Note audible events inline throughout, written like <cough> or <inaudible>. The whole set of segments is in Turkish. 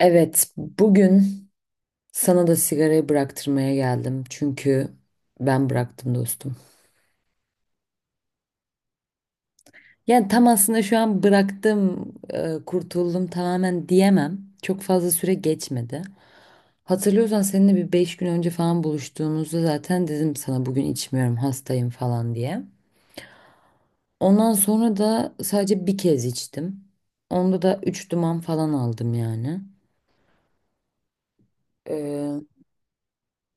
Evet, bugün sana da sigarayı bıraktırmaya geldim. Çünkü ben bıraktım dostum. Yani tam aslında şu an bıraktım, kurtuldum tamamen diyemem. Çok fazla süre geçmedi. Hatırlıyorsan seninle bir 5 gün önce falan buluştuğumuzda zaten dedim sana, bugün içmiyorum, hastayım falan diye. Ondan sonra da sadece bir kez içtim. Onda da 3 duman falan aldım yani.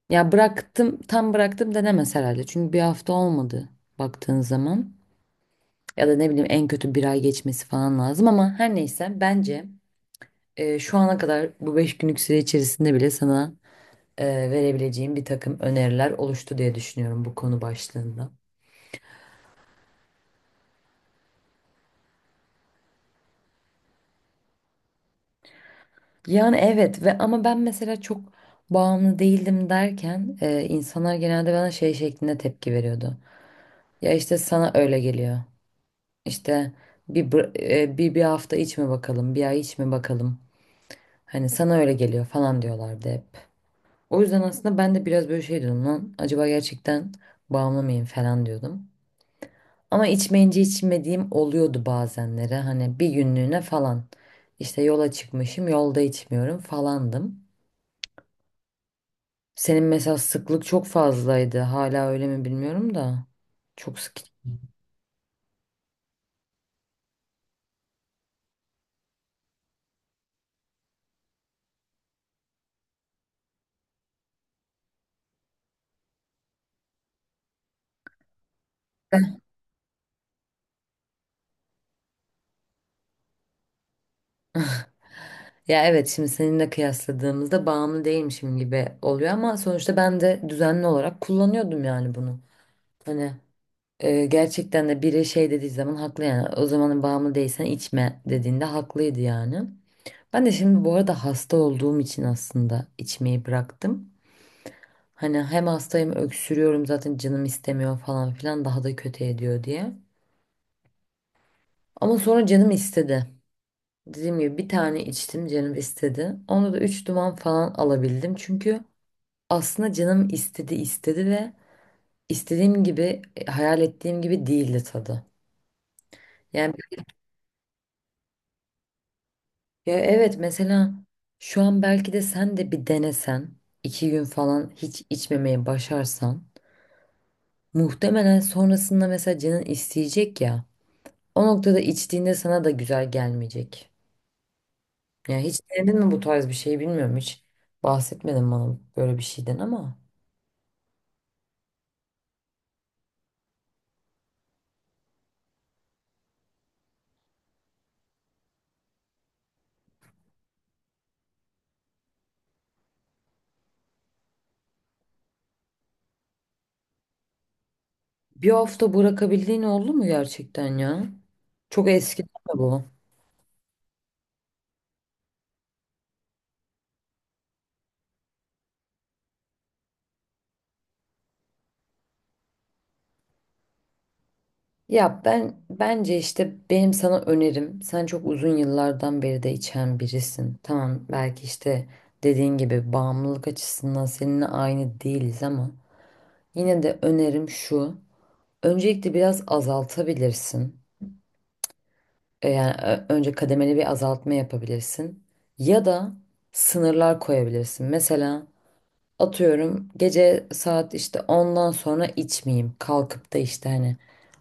Ya bıraktım, tam bıraktım denemez herhalde. Çünkü bir hafta olmadı baktığın zaman. Ya da ne bileyim, en kötü bir ay geçmesi falan lazım ama her neyse, bence şu ana kadar bu 5 günlük süre içerisinde bile sana e, verebileceğim bir takım öneriler oluştu diye düşünüyorum bu konu başlığında. Yani evet ve ama ben mesela çok bağımlı değildim derken insanlar genelde bana şey şeklinde tepki veriyordu. Ya işte sana öyle geliyor. İşte bir hafta içme bakalım, bir ay içme bakalım. Hani sana öyle geliyor falan diyorlardı hep. O yüzden aslında ben de biraz böyle şey diyordum lan. Acaba gerçekten bağımlı mıyım falan diyordum. Ama içmeyince içmediğim oluyordu bazenleri. Hani bir günlüğüne falan. İşte yola çıkmışım, yolda içmiyorum falandım. Senin mesela sıklık çok fazlaydı. Hala öyle mi bilmiyorum da. Çok sık. <laughs> Ya evet, şimdi seninle kıyasladığımızda bağımlı değilmişim gibi oluyor ama sonuçta ben de düzenli olarak kullanıyordum yani bunu. Hani gerçekten de biri şey dediği zaman haklı yani, o zamanın bağımlı değilsen içme dediğinde haklıydı yani. Ben de şimdi bu arada hasta olduğum için aslında içmeyi bıraktım. Hani hem hastayım, öksürüyorum, zaten canım istemiyor falan filan, daha da kötü ediyor diye. Ama sonra canım istedi. Dediğim gibi bir tane içtim, canım istedi. Onda da 3 duman falan alabildim, çünkü aslında canım istedi istedi ve istediğim gibi, hayal ettiğim gibi değildi tadı. Yani ya evet, mesela şu an belki de sen de bir denesen, 2 gün falan hiç içmemeye başarsan muhtemelen sonrasında mesela canın isteyecek ya, o noktada içtiğinde sana da güzel gelmeyecek. Yani hiç denedin mi bu tarz bir şey, bilmiyorum, hiç bahsetmedin bana böyle bir şeyden ama bir hafta bırakabildiğin oldu mu gerçekten ya? Çok eski değil mi bu? Ya ben bence işte, benim sana önerim, sen çok uzun yıllardan beri de içen birisin. Tamam, belki işte dediğin gibi bağımlılık açısından seninle aynı değiliz ama yine de önerim şu. Öncelikle biraz azaltabilirsin. Yani önce kademeli bir azaltma yapabilirsin. Ya da sınırlar koyabilirsin. Mesela, atıyorum, gece saat işte ondan sonra içmeyeyim. Kalkıp da işte hani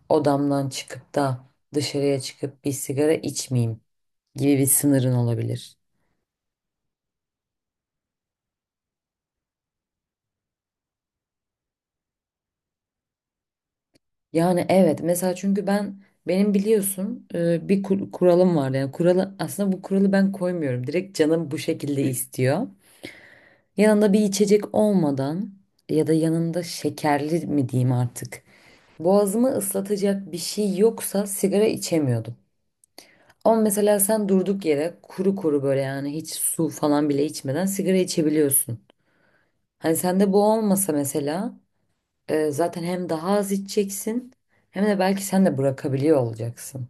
odamdan çıkıp da dışarıya çıkıp bir sigara içmeyeyim gibi bir sınırın olabilir. Yani evet, mesela çünkü benim biliyorsun bir kuralım var, yani kuralı aslında bu kuralı ben koymuyorum. Direkt canım bu şekilde istiyor. Yanında bir içecek olmadan, ya da yanında şekerli mi diyeyim artık, boğazımı ıslatacak bir şey yoksa sigara içemiyordum. Ama mesela sen durduk yere kuru kuru böyle, yani hiç su falan bile içmeden sigara içebiliyorsun. Hani sende bu olmasa mesela zaten hem daha az içeceksin hem de belki sen de bırakabiliyor olacaksın.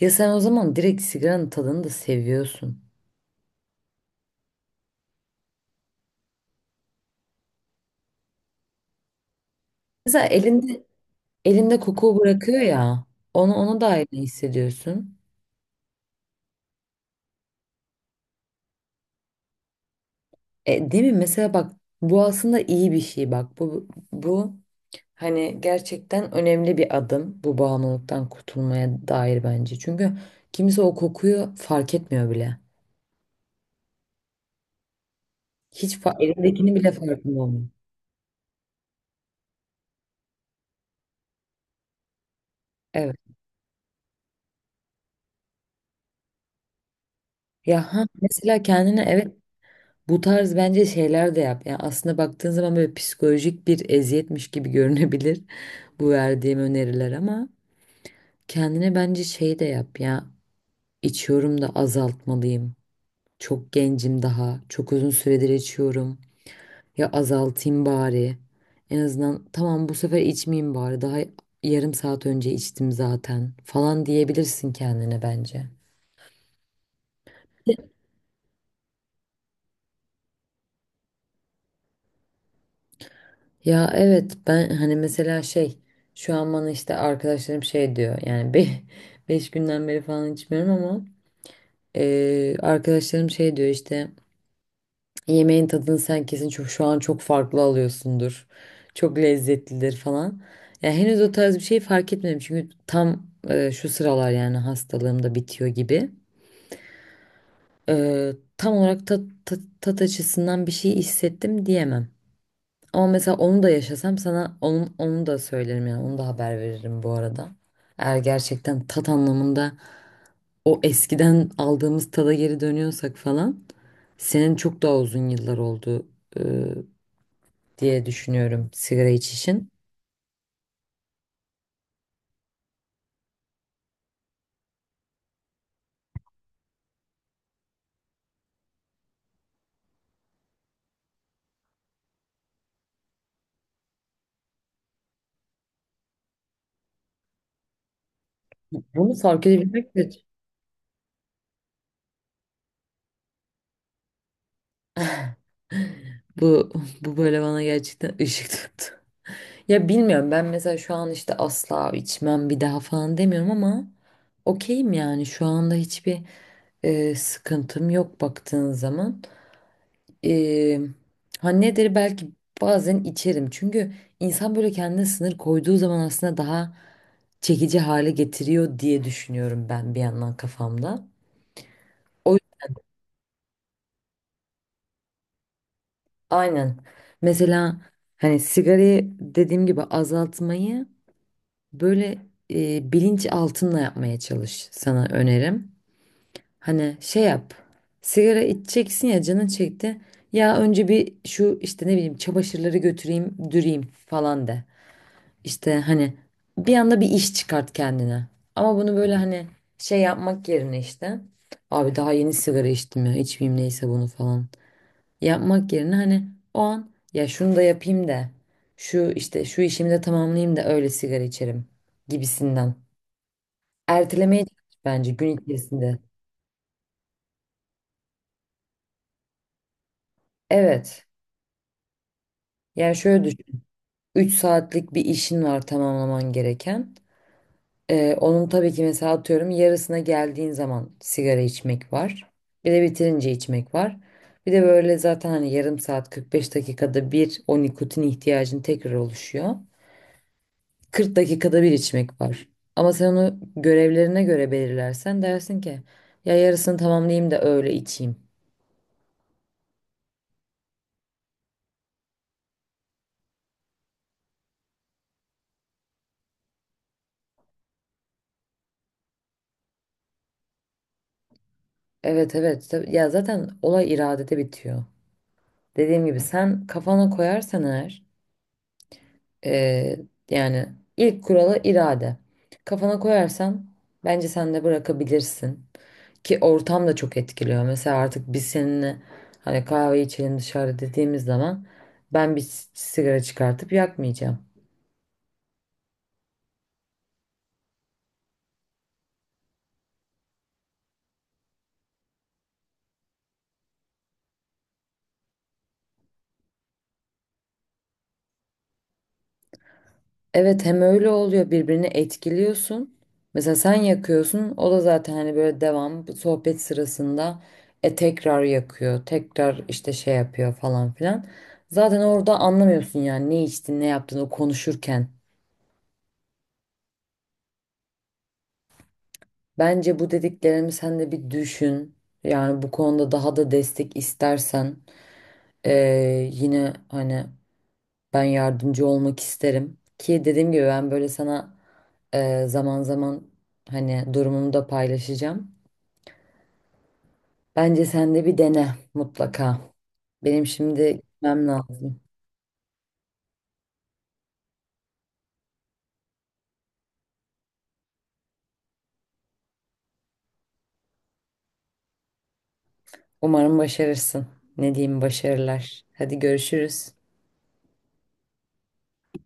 Ya sen o zaman direkt sigaranın tadını da seviyorsun. Mesela elinde koku bırakıyor ya, onu, ona da ne hissediyorsun? Değil mi? Mesela bak, bu aslında iyi bir şey. Bak, bu hani gerçekten önemli bir adım bu, bağımlılıktan kurtulmaya dair bence. Çünkü kimse o kokuyu fark etmiyor bile. Hiç elindekini bile farkında olmuyor. Evet. Ya ha, mesela kendine, evet, bu tarz bence şeyler de yap. Yani aslında baktığın zaman böyle psikolojik bir eziyetmiş gibi görünebilir <laughs> bu verdiğim öneriler, ama kendine bence şey de yap ya. İçiyorum da azaltmalıyım. Çok gencim daha. Çok uzun süredir içiyorum. Ya azaltayım bari. En azından tamam, bu sefer içmeyeyim bari. Daha yarım saat önce içtim zaten falan diyebilirsin kendine bence. Ya evet, ben hani mesela şey, şu an bana işte arkadaşlarım şey diyor yani, <laughs> 5 günden beri falan içmiyorum ama arkadaşlarım şey diyor işte. Yemeğin tadını sen kesin çok, şu an çok farklı alıyorsundur. Çok lezzetlidir falan. Ya henüz o tarz bir şey fark etmedim çünkü tam, şu sıralar yani hastalığım da bitiyor gibi. Tam olarak tat, açısından bir şey hissettim diyemem. Ama mesela onu da yaşasam sana onu da söylerim yani, onu da haber veririm bu arada. Eğer gerçekten tat anlamında o eskiden aldığımız tada geri dönüyorsak falan, senin çok daha uzun yıllar oldu e, diye düşünüyorum sigara içişin. Bunu fark edebilmek de, bu bu böyle, bana gerçekten <laughs> ışık tuttu. Ya bilmiyorum, ben mesela şu an işte asla içmem bir daha falan demiyorum ama okeyim yani, şu anda hiçbir sıkıntım yok baktığın zaman. E, ha nedir, belki bazen içerim, çünkü insan böyle kendine sınır koyduğu zaman aslında daha çekici hale getiriyor diye düşünüyorum ben bir yandan kafamda. O Aynen. Mesela hani sigarayı, dediğim gibi, azaltmayı böyle bilinç altında yapmaya çalış, sana önerim. Hani şey yap. Sigara içeceksin ya, canın çekti. Ya önce bir, şu işte ne bileyim çamaşırları götüreyim, düreyim falan de. İşte hani bir anda bir iş çıkart kendine. Ama bunu böyle hani şey yapmak yerine işte, abi daha yeni sigara içtim ya, içmeyeyim, neyse bunu falan yapmak yerine hani o an, ya şunu da yapayım da şu işte şu işimi de tamamlayayım da öyle sigara içerim gibisinden. Ertelemeye çalış bence gün içerisinde. Evet. Yani şöyle düşün. 3 saatlik bir işin var, tamamlaman gereken. Onun tabii ki mesela, atıyorum, yarısına geldiğin zaman sigara içmek var. Bir de bitirince içmek var. Bir de böyle zaten hani yarım saat, 45 dakikada bir o nikotin ihtiyacın tekrar oluşuyor. 40 dakikada bir içmek var. Ama sen onu görevlerine göre belirlersen dersin ki ya yarısını tamamlayayım da öyle içeyim. Evet, evet. Ya zaten olay iradede bitiyor. Dediğim gibi sen kafana koyarsan eğer, yani ilk kuralı irade. Kafana koyarsan bence sen de bırakabilirsin. Ki ortam da çok etkiliyor. Mesela artık biz seninle hani kahve içelim dışarıda dediğimiz zaman ben bir sigara çıkartıp yakmayacağım. Evet, hem öyle oluyor, birbirini etkiliyorsun. Mesela sen yakıyorsun, o da zaten hani böyle devam bu sohbet sırasında tekrar yakıyor. Tekrar işte şey yapıyor falan filan. Zaten orada anlamıyorsun yani, ne içtin ne yaptın o konuşurken. Bence bu dediklerimi sen de bir düşün. Yani bu konuda daha da destek istersen, yine hani ben yardımcı olmak isterim, ki dediğim gibi ben böyle sana zaman zaman hani durumumu da paylaşacağım. Bence sen de bir dene mutlaka. Benim şimdi gitmem lazım. Umarım başarırsın. Ne diyeyim, başarılar. Hadi görüşürüz.